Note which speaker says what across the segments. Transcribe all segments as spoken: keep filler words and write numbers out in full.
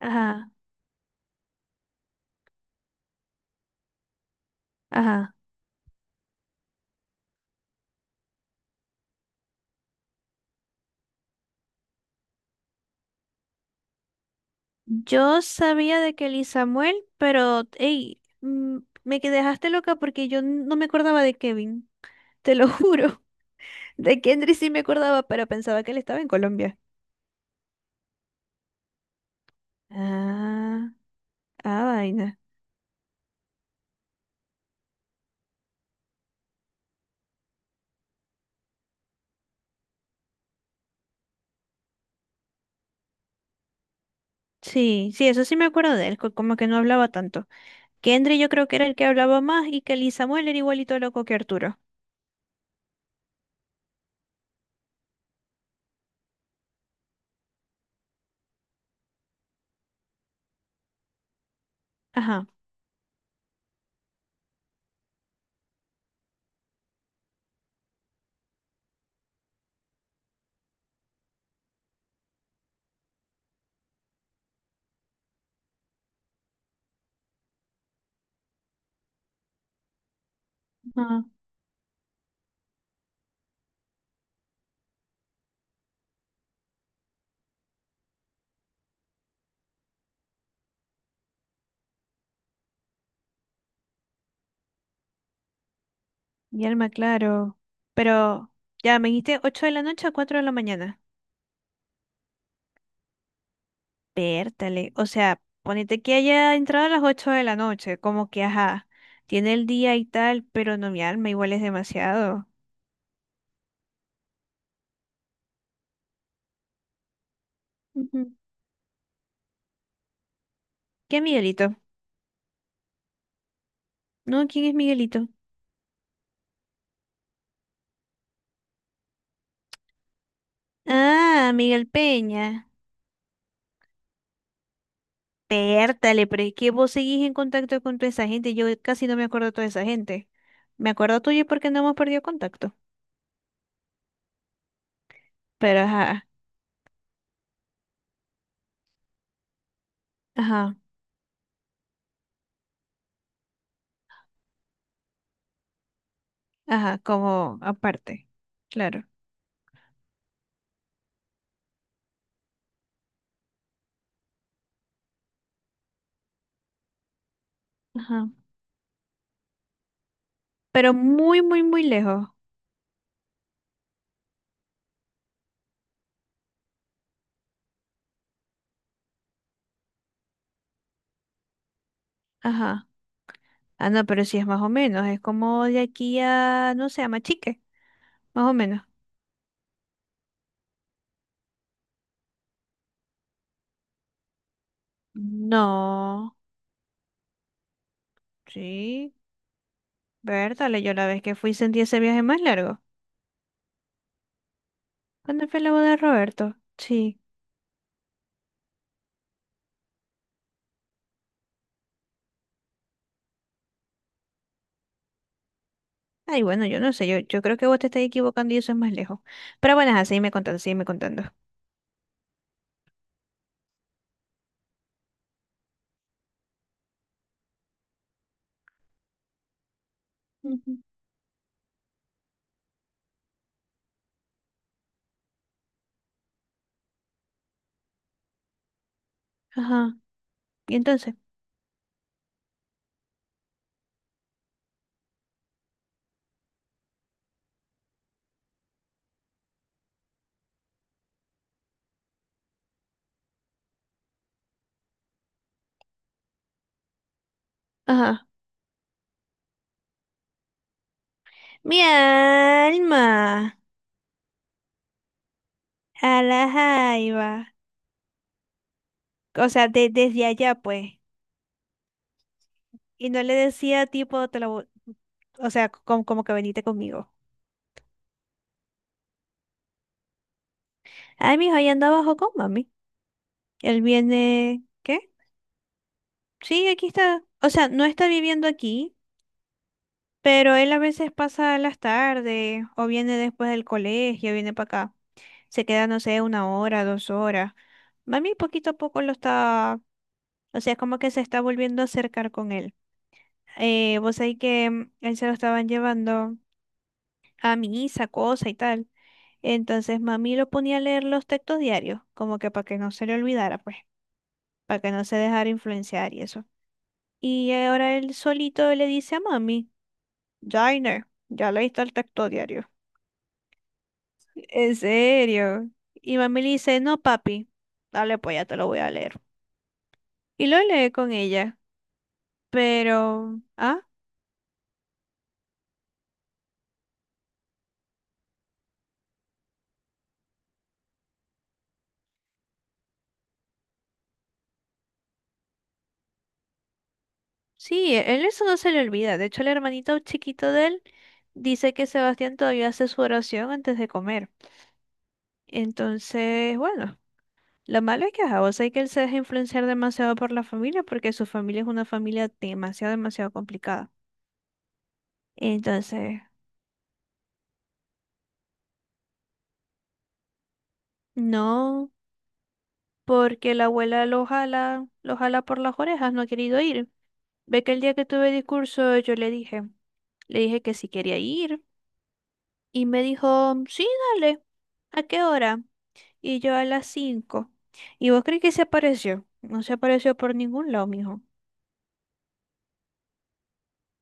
Speaker 1: Ajá, ajá. Yo sabía de Kelly Samuel, pero, hey, me que- dejaste loca porque yo no me acordaba de Kevin, te lo juro. De Kendrick sí me acordaba, pero pensaba que él estaba en Colombia. Ah, ah, vaina. Sí, sí, eso sí me acuerdo de él, co- como que no hablaba tanto. Kendrick yo creo que era el que hablaba más y Kelly Samuel era igualito loco que Arturo. Ajá. Ah, mi alma, claro. Pero, ya, me dijiste ocho de la noche a cuatro de la mañana. Pértale, o sea, ponete que haya entrado a las ocho de la noche, como que ajá, tiene el día y tal, pero no mi alma, igual es demasiado. Ujú. ¿Qué Miguelito? No, ¿quién es Miguelito? Ah, Miguel Peña. Pértale, pero es que vos seguís en contacto con toda esa gente, yo casi no me acuerdo de toda esa gente. Me acuerdo tuyo porque no hemos perdido contacto, pero ajá, ajá, ajá, como aparte, claro, ajá, pero muy, muy, muy lejos. Ajá. Ah, no, pero sí es más o menos. Es como de aquí a, no sé, a Machique, más o menos. No, sí. Vértale, yo la vez que fui sentí ese viaje más largo. ¿Cuándo fue la boda de Roberto? Sí. Ay, bueno, yo no sé, yo, yo creo que vos te estás equivocando y eso es más lejos. Pero bueno, ajá, sígueme contando, sígueme contando. Ujú. Ajá. ¿Y entonces? Ajá. Mi alma. A la jaiba. O sea, de- desde allá, pues. Y no le decía tipo, te la, vo- o sea, como, como que venite conmigo. Ay, mi hijo ahí anda abajo con mami. Él viene, ¿qué? Sí, aquí está. O sea, no está viviendo aquí, pero él a veces pasa las tardes o viene después del colegio, viene para acá. Se queda, no sé, una hora, dos horas. Mami poquito a poco lo está, o sea, como que se está volviendo a acercar con él. Eh, vos sabés que mm, él se lo estaban llevando a misa, cosa y tal. Entonces mami lo ponía a leer los textos diarios, como que para que no se le olvidara, pues, para que no se dejara influenciar y eso. Y ahora él solito le dice a mami, Jainer, ya leíste el texto diario. ¿En serio? Y mami le dice, no, papi, dale, pues ya te lo voy a leer. Y lo lee con ella. Pero, ah, sí, él eso no se le olvida. De hecho, el hermanito chiquito de él dice que Sebastián todavía hace su oración antes de comer. Entonces, bueno, lo malo es que, ajá, vos sabés que él se deja influenciar demasiado por la familia porque su familia es una familia demasiado, demasiado complicada. Entonces... No, porque la abuela lo jala, lo jala por las orejas, no ha querido ir. Ve que el día que tuve discurso yo le dije, le dije que si quería ir y me dijo, sí, dale, ¿a qué hora? Y yo a las cinco. ¿Y vos crees que se apareció? No se apareció por ningún lado, mijo.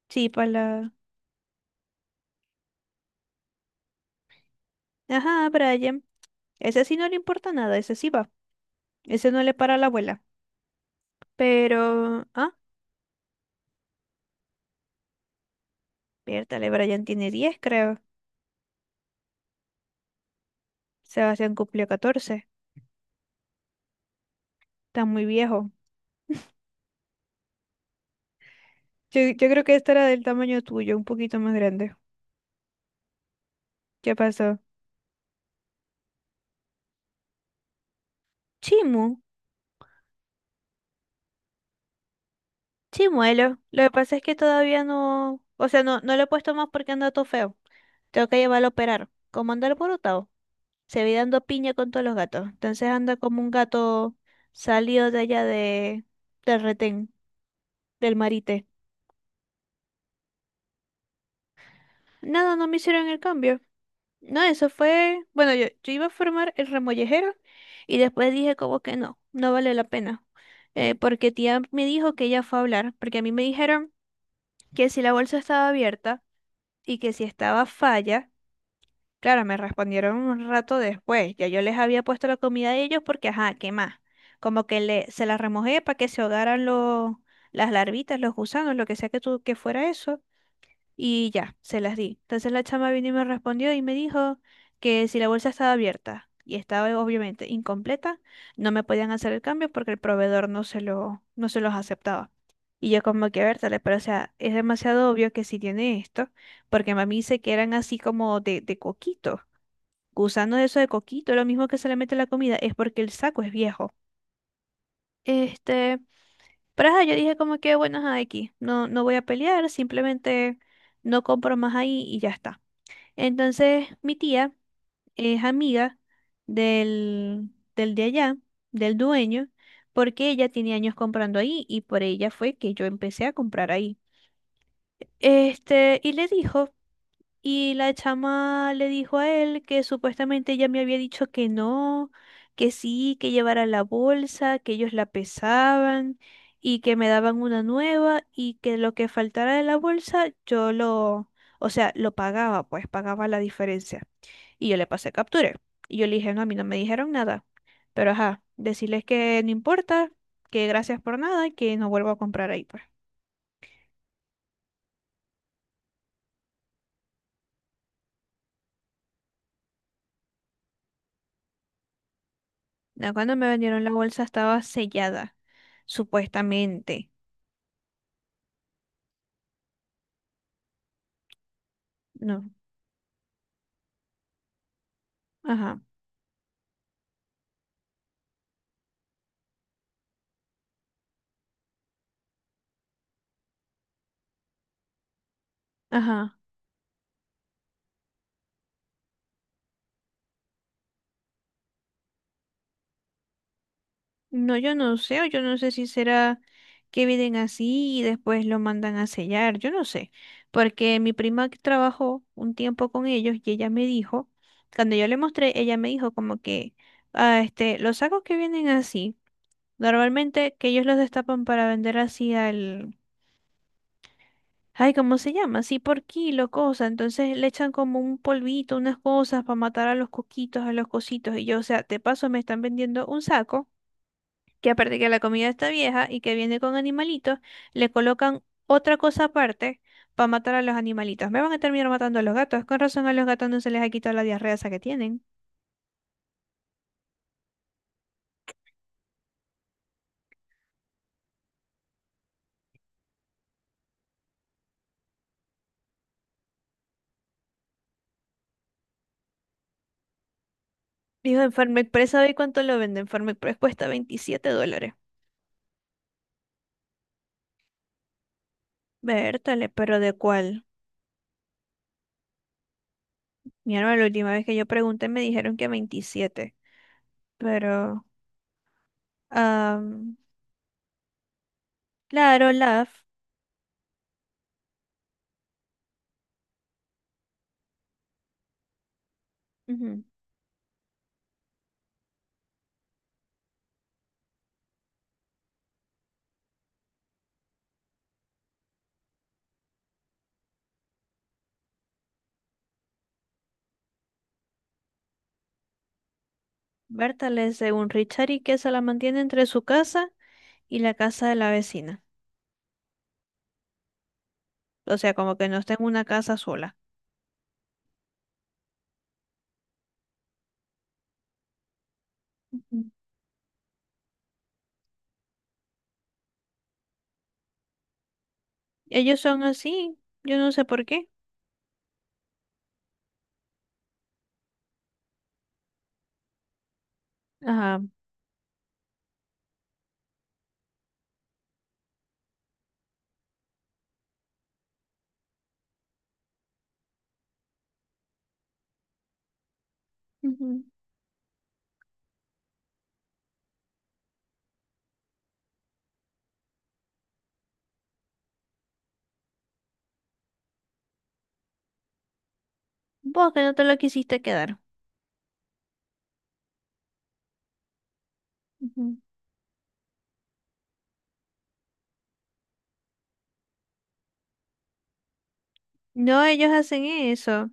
Speaker 1: Sí, para la... Ajá, Brian. Ese sí no le importa nada, ese sí va. Ese no le para a la abuela. Pero... Ah, piértale, Brian tiene diez creo. Sebastián cumplió catorce. Está muy viejo. Yo, yo creo que esta era del tamaño tuyo, un poquito más grande. ¿Qué pasó? Chimu, chimuelo. Lo que pasa es que todavía no, o sea, no, no lo he puesto más porque anda todo feo. Tengo que llevarlo a operar. Como anda el borotado, se vi dando piña con todos los gatos. Entonces anda como un gato salido de allá de, del retén, del marite. Nada, no me hicieron el cambio. No, eso fue, bueno, yo, yo iba a formar el remollejero y después dije como que no, no vale la pena. Eh, porque tía me dijo que ella fue a hablar, porque a mí me dijeron que si la bolsa estaba abierta y que si estaba falla, claro, me respondieron un rato después, ya yo les había puesto la comida a ellos porque, ajá, ¿qué más? Como que le, se la remojé para que se ahogaran los, las larvitas, los gusanos, lo que sea que, tú, que fuera eso. Y ya, se las di. Entonces la chama vino y me respondió y me dijo que si la bolsa estaba abierta y estaba obviamente incompleta, no me podían hacer el cambio porque el proveedor no se lo, no se los aceptaba. Y yo como que, a ver, dale, pero o sea, es demasiado obvio que si tiene esto, porque mami dice que eran así como de, de coquito, gusano de eso de coquito, lo mismo que se le mete a la comida, es porque el saco es viejo. Este, pero ajá, yo dije como que, bueno, ajá, aquí, no, no voy a pelear, simplemente no compro más ahí y ya está. Entonces, mi tía es amiga del, del de allá, del dueño, porque ella tiene años comprando ahí y por ella fue que yo empecé a comprar ahí. Este, y le dijo, y la chama le dijo a él que supuestamente ella me había dicho que no, que sí, que llevara la bolsa, que ellos la pesaban y que me daban una nueva y que lo que faltara de la bolsa yo lo, o sea, lo pagaba, pues pagaba la diferencia. Y yo le pasé capture. Y yo le dije, no, a mí no me dijeron nada. Pero ajá, decirles que no importa, que gracias por nada y que no vuelvo a comprar ahí, pues. No, cuando me vendieron la bolsa estaba sellada, supuestamente. No, ajá, ajá. No, yo no sé, o yo no sé si será que vienen así y después lo mandan a sellar, yo no sé. Porque mi prima que trabajó un tiempo con ellos y ella me dijo, cuando yo le mostré, ella me dijo como que, ah, este, los sacos que vienen así. Normalmente que ellos los destapan para vender así al... Ay, ¿cómo se llama? Así por kilo, cosa. Entonces le echan como un polvito, unas cosas para matar a los coquitos, a los cositos. Y yo, o sea, te paso, me están vendiendo un saco, que aparte que la comida está vieja y que viene con animalitos, le colocan otra cosa aparte para matar a los animalitos. Me van a terminar matando a los gatos. Con razón a los gatos no se les ha quitado la diarrea esa que tienen. Dijo en Farm Express, ¿sabe cuánto lo venden? Farm Express cuesta veintisiete dólares. Vértale, pero ¿de cuál? Mira, la última vez que yo pregunté me dijeron que veintisiete pero... am, claro, Love. Ujú, Bertale, según Richard y que se la mantiene entre su casa y la casa de la vecina. O sea, como que no está en una casa sola. Ujú. Ellos son así, yo no sé por qué. Ajá. Ujú. Vos que no te lo quisiste quedar. Ujú. No, ellos hacen eso.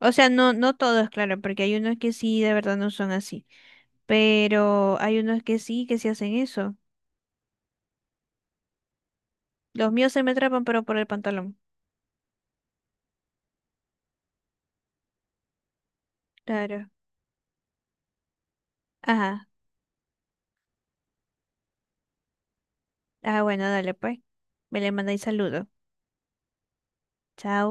Speaker 1: O sea, no, no todos, claro, porque hay unos que sí, de verdad no son así. Pero hay unos que sí, que sí hacen eso. Los míos se me atrapan, pero por el pantalón. Claro. Ajá. Ah, bueno, dale pues. Me le mandáis saludo. Chao.